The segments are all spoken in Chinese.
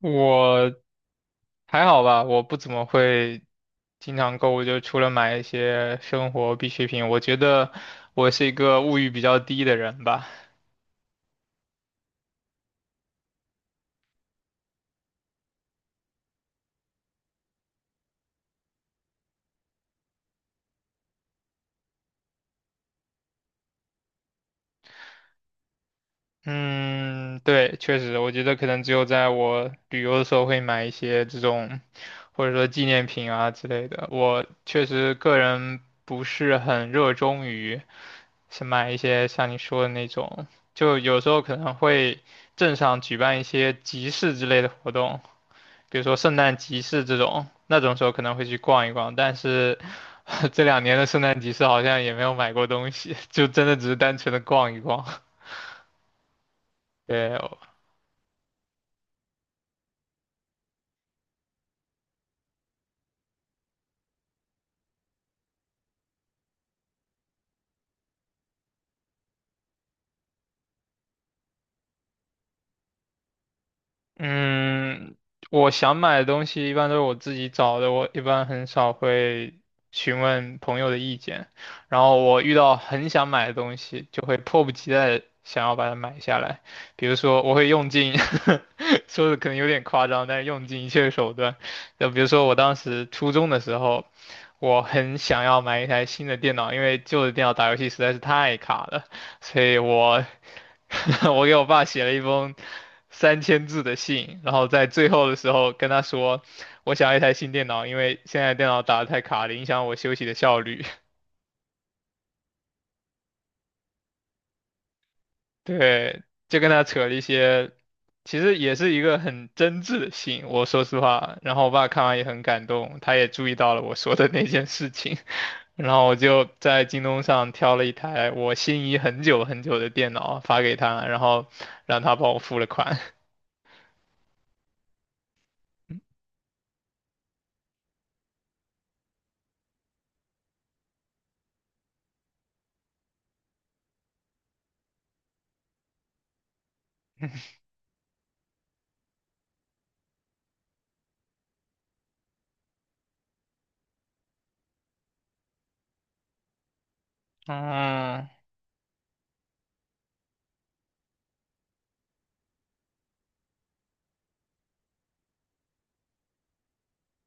我还好吧，我不怎么会经常购物，就除了买一些生活必需品，我觉得我是一个物欲比较低的人吧。嗯，对，确实，我觉得可能只有在我旅游的时候会买一些这种，或者说纪念品啊之类的。我确实个人不是很热衷于是买一些像你说的那种，就有时候可能会镇上举办一些集市之类的活动。比如说圣诞集市这种，那种时候可能会去逛一逛，但是 这两年的圣诞集市好像也没有买过东西，就真的只是单纯的逛一逛。对，嗯，我想买的东西一般都是我自己找的，我一般很少会询问朋友的意见。然后我遇到很想买的东西，就会迫不及待地想要把它买下来。比如说，我会用尽，说的可能有点夸张，但是用尽一切手段。就比如说，我当时初中的时候，我很想要买一台新的电脑，因为旧的电脑打游戏实在是太卡了。所以我 我给我爸写了一封3000字的信，然后在最后的时候跟他说，我想要一台新电脑，因为现在电脑打得太卡了，影响我休息的效率。对，就跟他扯了一些，其实也是一个很真挚的信，我说实话。然后我爸看完也很感动，他也注意到了我说的那件事情，然后我就在京东上挑了一台我心仪很久很久的电脑发给他，然后让他帮我付了款。嗯，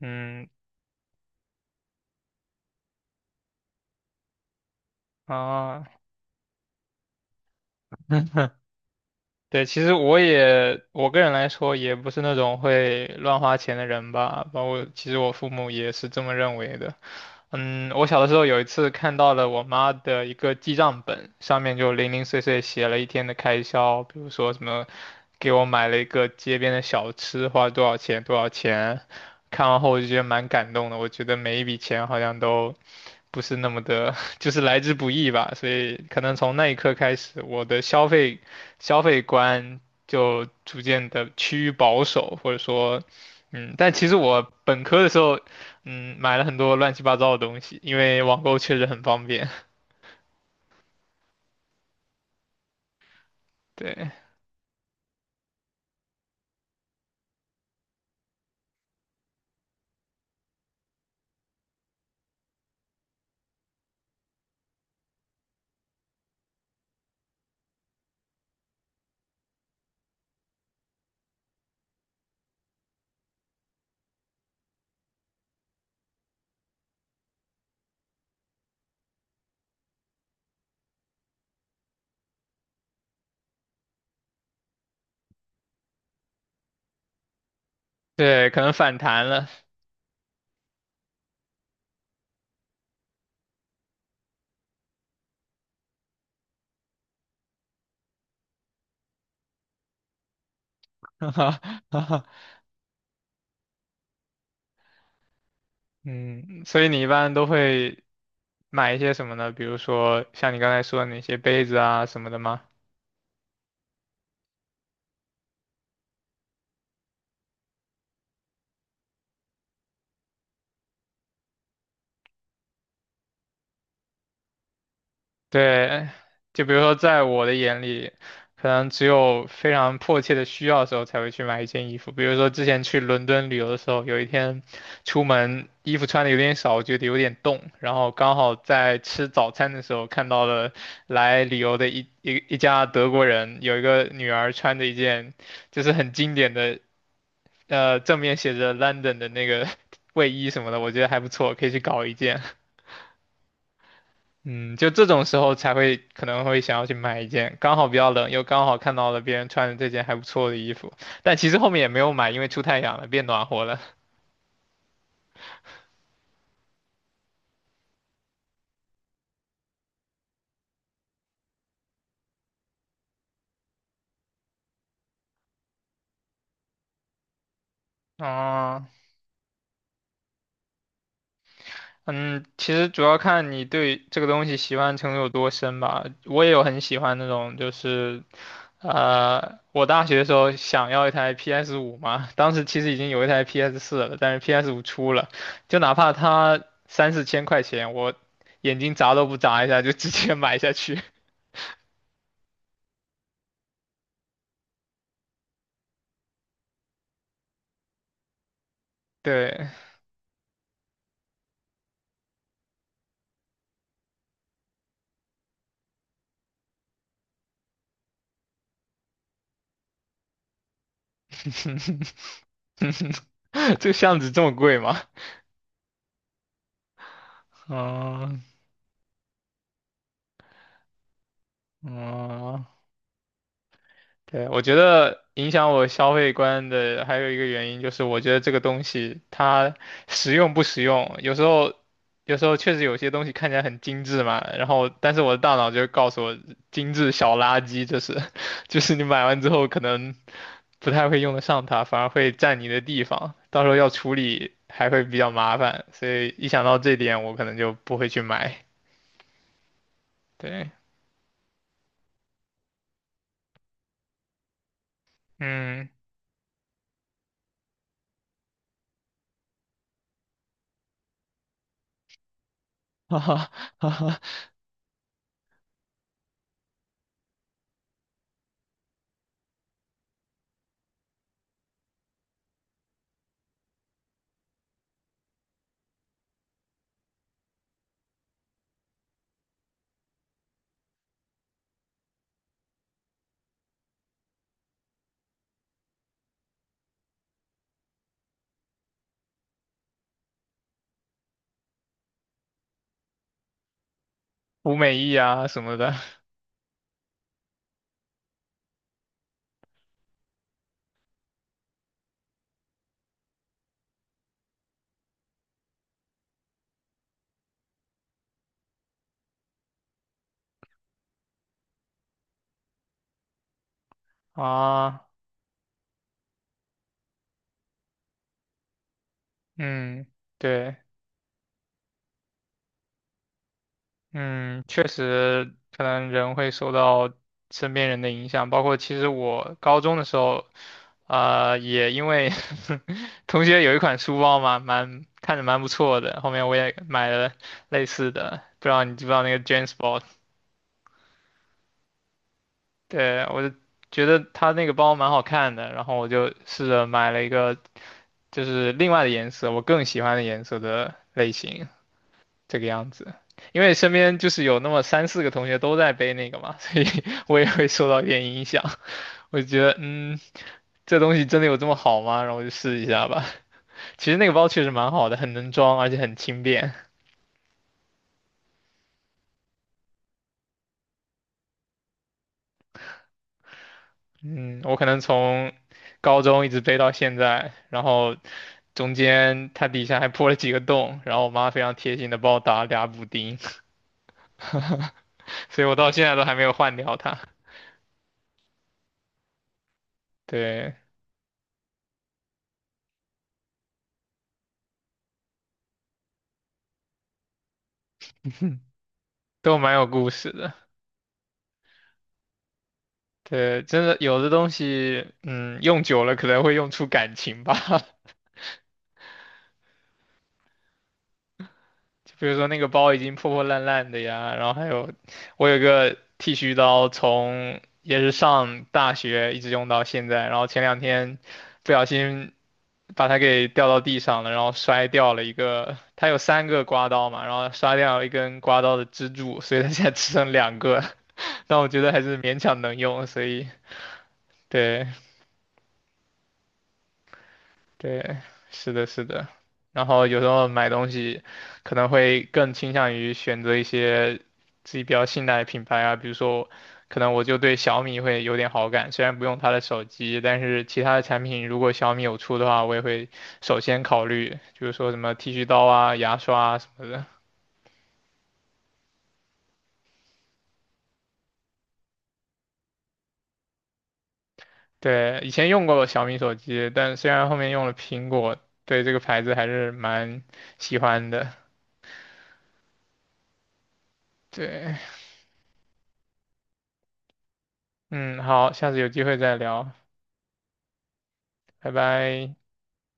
嗯啊，对，其实我个人来说也不是那种会乱花钱的人吧，包括其实我父母也是这么认为的。嗯，我小的时候有一次看到了我妈的一个记账本，上面就零零碎碎写了一天的开销，比如说什么给我买了一个街边的小吃，花了多少钱多少钱。看完后我就觉得蛮感动的，我觉得每一笔钱好像都不是那么的，就是来之不易吧，所以可能从那一刻开始，我的消费观就逐渐的趋于保守，或者说。嗯，但其实我本科的时候嗯，买了很多乱七八糟的东西，因为网购确实很方便。对对，可能反弹了，嗯，所以你一般都会买一些什么呢？比如说像你刚才说的那些杯子啊什么的吗？对，就比如说，在我的眼里，可能只有非常迫切的需要的时候才会去买一件衣服。比如说，之前去伦敦旅游的时候，有一天出门衣服穿的有点少，我觉得有点冻，然后刚好在吃早餐的时候看到了来旅游的一家德国人，有一个女儿穿着一件就是很经典的，正面写着 London 的那个 卫衣什么的，我觉得还不错，可以去搞一件。嗯，就这种时候才会可能会想要去买一件，刚好比较冷，又刚好看到了别人穿的这件还不错的衣服，但其实后面也没有买，因为出太阳了，变暖和了。啊，嗯，其实主要看你对这个东西喜欢程度有多深吧。我也有很喜欢那种，就是，我大学的时候想要一台 PS 五嘛，当时其实已经有一台 PS4了，但是 PS 五出了，就哪怕它三四千块钱，我眼睛眨都不眨一下就直接买下去。对，这个巷子这么贵吗？嗯嗯，对，我觉得影响我消费观的还有一个原因就是，我觉得这个东西它实用不实用，有时候，确实有些东西看起来很精致嘛，然后但是我的大脑就告诉我，精致小垃圾，这是，就是你买完之后可能不太会用得上它，反而会占你的地方，到时候要处理还会比较麻烦，所以一想到这点，我可能就不会去买。对，嗯，哈哈哈哈，无美意啊什么的啊。嗯，对，嗯，确实，可能人会受到身边人的影响，包括其实我高中的时候，也因为 同学有一款书包嘛，蛮看着蛮不错的，后面我也买了类似的，不知道你知不知道那个 James Bond?对，我就觉得他那个包蛮好看的，然后我就试着买了一个就是另外的颜色，我更喜欢的颜色的类型，这个样子。因为身边就是有那么三四个同学都在背那个嘛，所以 我也会受到一点影响。我就觉得，嗯，这东西真的有这么好吗？然后我就试一下吧。其实那个包确实蛮好的，很能装，而且很轻便。嗯，我可能从高中一直背到现在，然后中间它底下还破了几个洞，然后我妈非常贴心的帮我打了俩补丁，所以我到现在都还没有换掉它。对，都蛮有故事的。对，真的有的东西，嗯，用久了可能会用出感情吧。就比如说那个包已经破破烂烂的呀，然后还有我有个剃须刀从，也是上大学一直用到现在，然后前两天不小心把它给掉到地上了，然后摔掉了一个，它有三个刮刀嘛，然后摔掉了一根刮刀的支柱，所以它现在只剩两个，但我觉得还是勉强能用，所以对。对，是的，是的。然后有时候买东西可能会更倾向于选择一些自己比较信赖的品牌啊，比如说，可能我就对小米会有点好感，虽然不用它的手机，但是其他的产品如果小米有出的话，我也会首先考虑，就是说什么剃须刀啊、牙刷啊什么的。对，以前用过小米手机，但虽然后面用了苹果，对这个牌子还是蛮喜欢的。对，嗯，好，下次有机会再聊，拜拜。